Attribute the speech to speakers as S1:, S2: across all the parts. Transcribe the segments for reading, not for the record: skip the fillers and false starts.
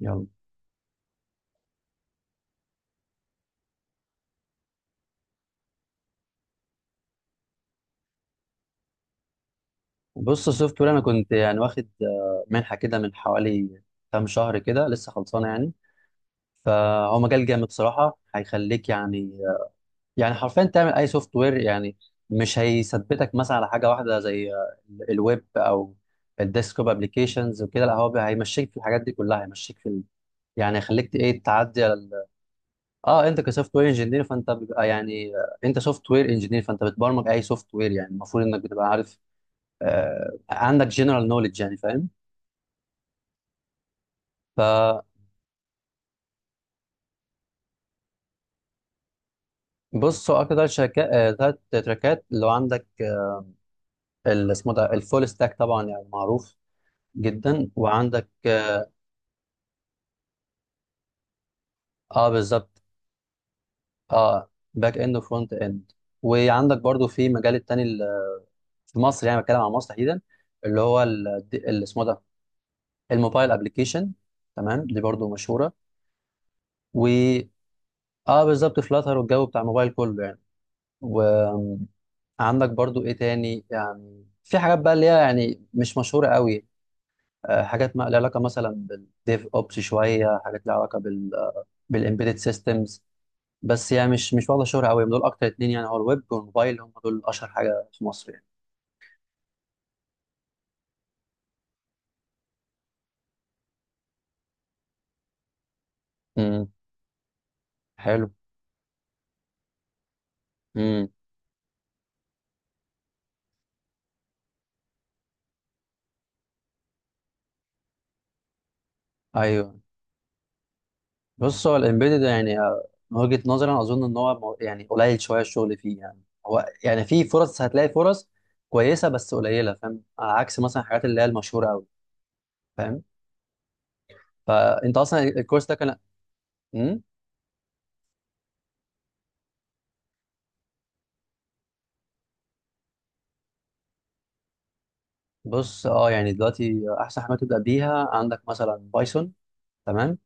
S1: يلا. بص، السوفت وير انا كنت يعني واخد منحه كده من حوالي كام شهر كده لسه خلصانه يعني. فهو مجال جامد صراحه هيخليك يعني حرفيا تعمل اي سوفت وير يعني. مش هيثبتك مثلا على حاجه واحده زي الويب او الديسكتوب ابلكيشنز وكده، لا هو هيمشيك في الحاجات دي كلها، هيمشيك في يعني هيخليك ايه تعدي على اه انت كسوفت وير انجينير، فانت بيبقى انت سوفت وير انجينير، فانت بتبرمج اي سوفت وير، يعني المفروض انك بتبقى عارف، عندك جنرال نوليدج، يعني فاهم. فبص، هو اكتر ثلاث تراكات اللي هو عندك، اللي اسمه ده الفول ستاك، طبعا يعني معروف جدا. وعندك اه، بالظبط. اه، باك اند وفرونت اند. وعندك برضو في مجال التاني، في مصر، يعني بتكلم عن مصر تحديدا، اللي هو اللي اسمه ده الموبايل ابلكيشن. تمام، دي برضو مشهوره. و اه، بالظبط، فلاتر والجو بتاع الموبايل كله يعني. عندك برضو ايه تاني، يعني في حاجات بقى اللي هي يعني مش مشهوره قوي، حاجات ما لها علاقه مثلا بالديف اوبس، شويه حاجات لها علاقه بالامبيدد سيستمز، بس يعني مش واخده شهره قوي. دول اكتر اتنين يعني، هو الويب والموبايل هم دول اشهر حاجه في مصر يعني. امم. حلو. امم. ايوه. بص، هو الامبيدد يعني من وجهه نظري انا اظن ان هو يعني قليل شويه الشغل فيه يعني. هو يعني في فرص، هتلاقي فرص كويسه بس قليله، فاهم، على عكس مثلا الحاجات اللي هي المشهوره قوي، فاهم. فانت اصلا الكورس ده كان؟ مم؟ بص اه، يعني دلوقتي احسن حاجه تبدا بيها عندك مثلا بايثون، تمام.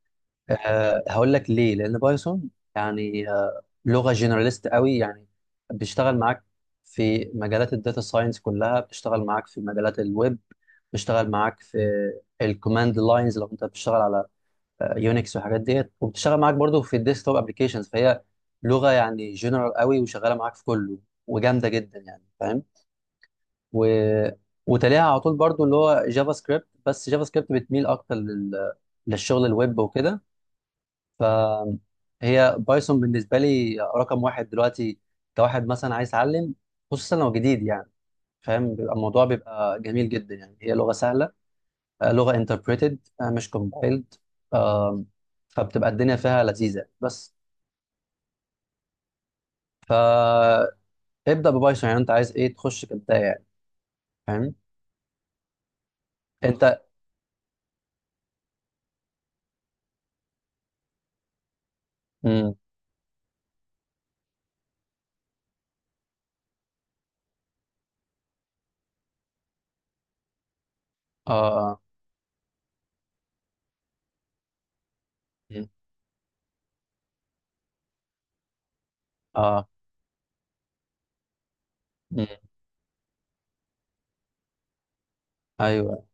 S1: أه هقول لك ليه، لان بايثون يعني لغه جنراليست قوي يعني، بتشتغل معاك في مجالات الداتا ساينس كلها، بتشتغل معاك في مجالات الويب، بتشتغل معاك في الكوماند لاينز لو انت بتشتغل على يونكس والحاجات ديت، وبتشتغل معاك برضو في الديسكتوب ابلكيشنز. فهي لغه يعني جنرال قوي وشغاله معاك في كله، وجامده جدا يعني، فاهم. و... وتلاقيها على طول برضو اللي هو جافا سكريبت، بس جافا سكريبت بتميل اكتر للشغل الويب وكده. فهي بايثون بالنسبه لي رقم واحد دلوقتي، كواحد مثلا عايز يتعلم، خصوصا لو جديد يعني، فاهم. بيبقى الموضوع بيبقى جميل جدا يعني، هي لغه سهله، لغه انتربريتد مش كومبايلد، فبتبقى الدنيا فيها لذيذه. بس فابدا ببايثون، يعني انت عايز ايه تخش كبدايه يعني، فاهم. انت. امم. اه. اه. مم. اه. ايوه.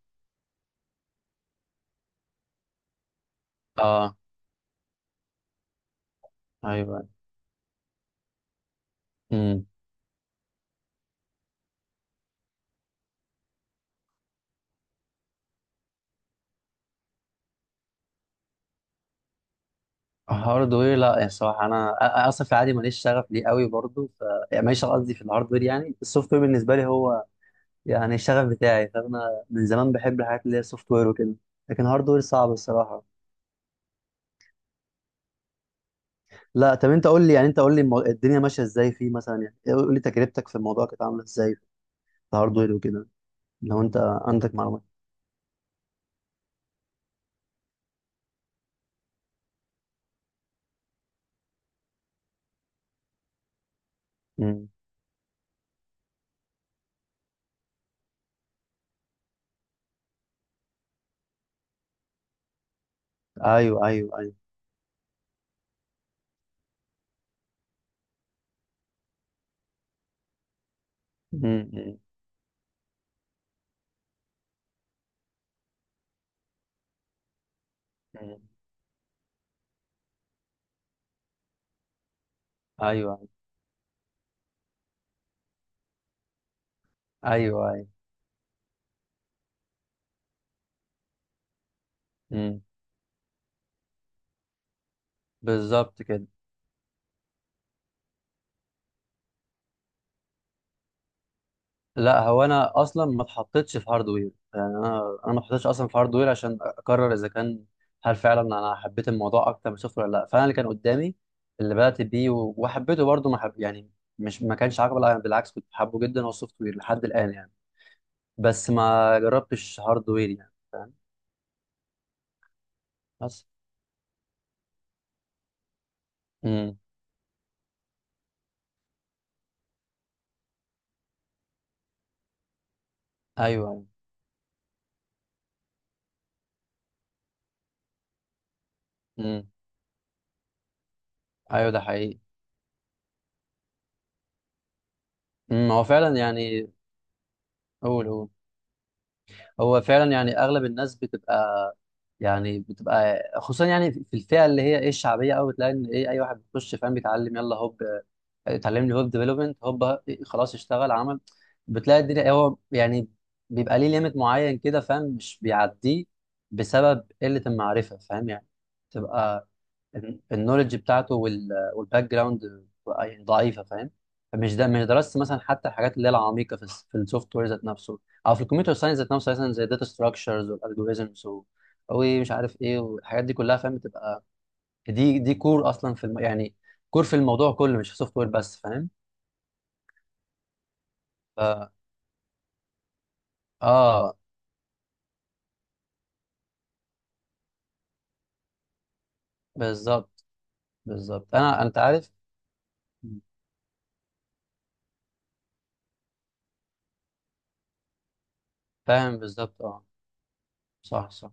S1: اه. ايوه. امم. هاردوير لا، يعني الصراحه انا اصلا في العادي ماليش شغف ليه قوي برضه. يعني ماليش شغف، قصدي في الهاردوير، يعني السوفت وير بالنسبه لي هو يعني الشغف بتاعي. فانا من زمان بحب الحاجات اللي هي سوفت وير وكده، لكن هاردوير صعب الصراحه. لا طب انت قول لي يعني، انت قول لي الدنيا ماشيه ازاي فيه، مثلا يعني قول لي تجربتك في الموضوع كانت عامله ازاي في الهاردوير وكده، لو انت عندك معلومات. امم. ايوه ايوه ايوه. امم. أمم. أمم. ايوه ايوه ايوه. امم. بالظبط كده. لا، هو انا اصلا ما اتحطيتش في هاردوير، يعني انا ما اتحطيتش اصلا في هاردوير عشان اقرر اذا كان هل فعلا انا حبيت الموضوع اكتر من السوفت وير ولا لا. فانا اللي كان قدامي، اللي بدات بيه وحبيته برضه، ما حب يعني، مش ما كانش عاجبه، لا، بالعكس كنت حابه جدا هو السوفت وير لحد الان يعني. بس ما جربتش هاردوير يعني، فاهم. بس. امم. ايوه. أيوه. امم. ايوه ده حقيقي. امم. هو فعلا يعني. قول قول. هو فعلا يعني اغلب الناس بتبقى، يعني بتبقى خصوصا يعني في الفئه اللي هي ايه الشعبيه قوي، بتلاقي ان ايه اي واحد بيخش فاهم بيتعلم يلا هوب، اتعلم لي هوب ديفلوبمنت هوب، خلاص اشتغل عمل. بتلاقي الدنيا هو يعني بيبقى ليه ليميت معين كده، فاهم، مش بيعديه بسبب قله المعرفه، فاهم يعني، تبقى النولج بتاعته والباك جراوند يعني ضعيفه، فاهم. فمش ده مش درست مثلا حتى الحاجات اللي هي العميقه في السوفت وير ذات نفسه، او في الكمبيوتر ساينس ذات نفسه، مثلا زي الداتا ستراكشرز والالجوريزمز ومش عارف ايه والحاجات دي كلها، فاهم، بتبقى دي كور اصلا يعني كور في الموضوع كله، مش في السوفت وير بس، فاهم. ف، اه بالظبط، بالظبط، انا انت عارف، فاهم بالظبط. اه صح صح.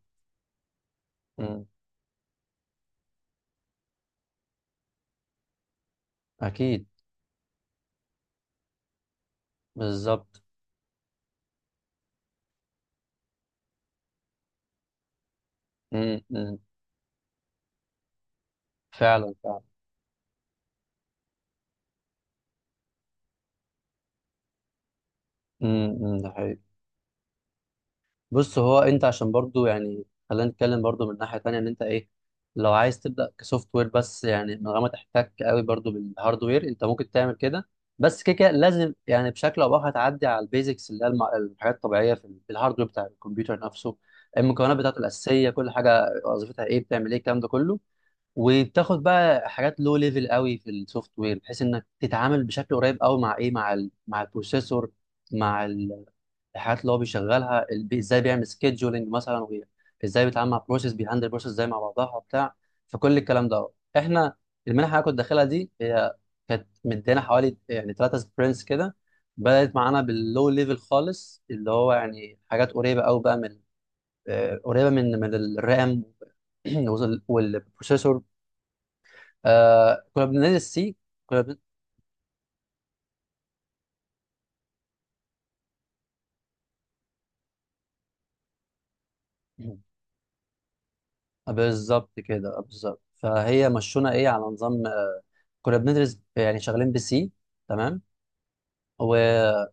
S1: مم. اكيد. بالظبط. مم. مم. فعلا فعلا. ده حقيقي. بص، هو انت عشان برضو يعني خلينا نتكلم برضو من ناحية تانية، ان انت ايه، لو عايز تبدأ كسوفت وير بس يعني من غير ما تحتك قوي برضو بالهاردوير، انت ممكن تعمل كده. بس كده كده لازم يعني بشكل او باخر تعدي على البيزكس اللي هي الحاجات الطبيعية في الهاردوير بتاع الكمبيوتر نفسه، المكونات بتاعته الأساسية، كل حاجة وظيفتها ايه، بتعمل ايه، الكلام ده كله. وبتاخد بقى حاجات لو ليفل قوي في السوفت وير، بحيث انك تتعامل بشكل قريب قوي مع ايه، مع البروسيسور، مع الحاجات اللي هو بيشغلها، ازاي بيعمل سكيدجولينج مثلا، ازاي بيتعامل مع بروسيس، بيهندل بروسيس ازاي مع بعضها وبتاع. فكل الكلام ده، احنا المنحه اللي أنا كنت داخلها دي هي كانت مدينا حوالي يعني ثلاثه سبرنتس كده. بدات معانا باللو ليفل خالص، اللي هو يعني حاجات قريبه قوي بقى من، قريبه من الرام والبروسيسور. آه، كنا بننزل السي. كنا بن... بالظبط كده، بالظبط. فهي مشونا ايه على نظام، كنا بندرس يعني شغالين بسي، تمام. ويعني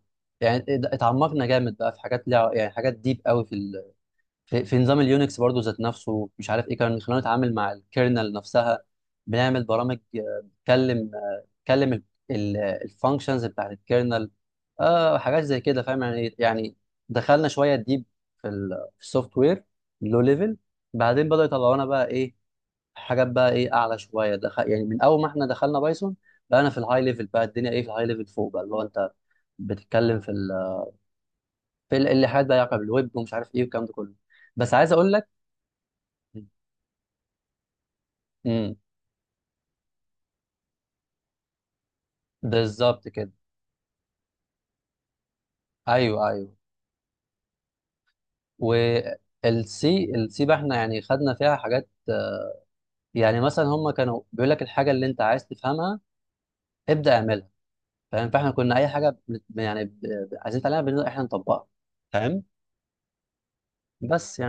S1: اتعمقنا جامد بقى في حاجات ليها يعني حاجات ديب قوي في نظام اليونكس برضو ذات نفسه، مش عارف ايه، كان خلانا نتعامل مع الكيرنل نفسها. بنعمل برامج، بتكلم الفانكشنز بتاعت الكيرنل، آه، حاجات زي كده، فاهم يعني يعني. دخلنا شويه ديب في السوفت وير لو ليفل. بعدين بدأوا يطلعونا بقى ايه، حاجات بقى ايه اعلى شويه، يعني من اول ما احنا دخلنا بايثون بقى انا في الهاي ليفل، بقى الدنيا ايه في الهاي ليفل فوق، بقى اللي هو انت بتتكلم اللي حاجات بقى يعقب بالويب، ومش عارف ايه والكلام ده كله. بس عايز اقول لك. امم. بالظبط كده. ايوه ايوه. والسي، السي بقى احنا يعني خدنا فيها حاجات يعني، مثلا هم كانوا بيقول لك الحاجه اللي انت عايز تفهمها ابدا اعملها، فاهم. فاحنا كنا اي حاجه عايزين نتعلمها بنبدأ احنا نطبقها، فاهم. بس يعني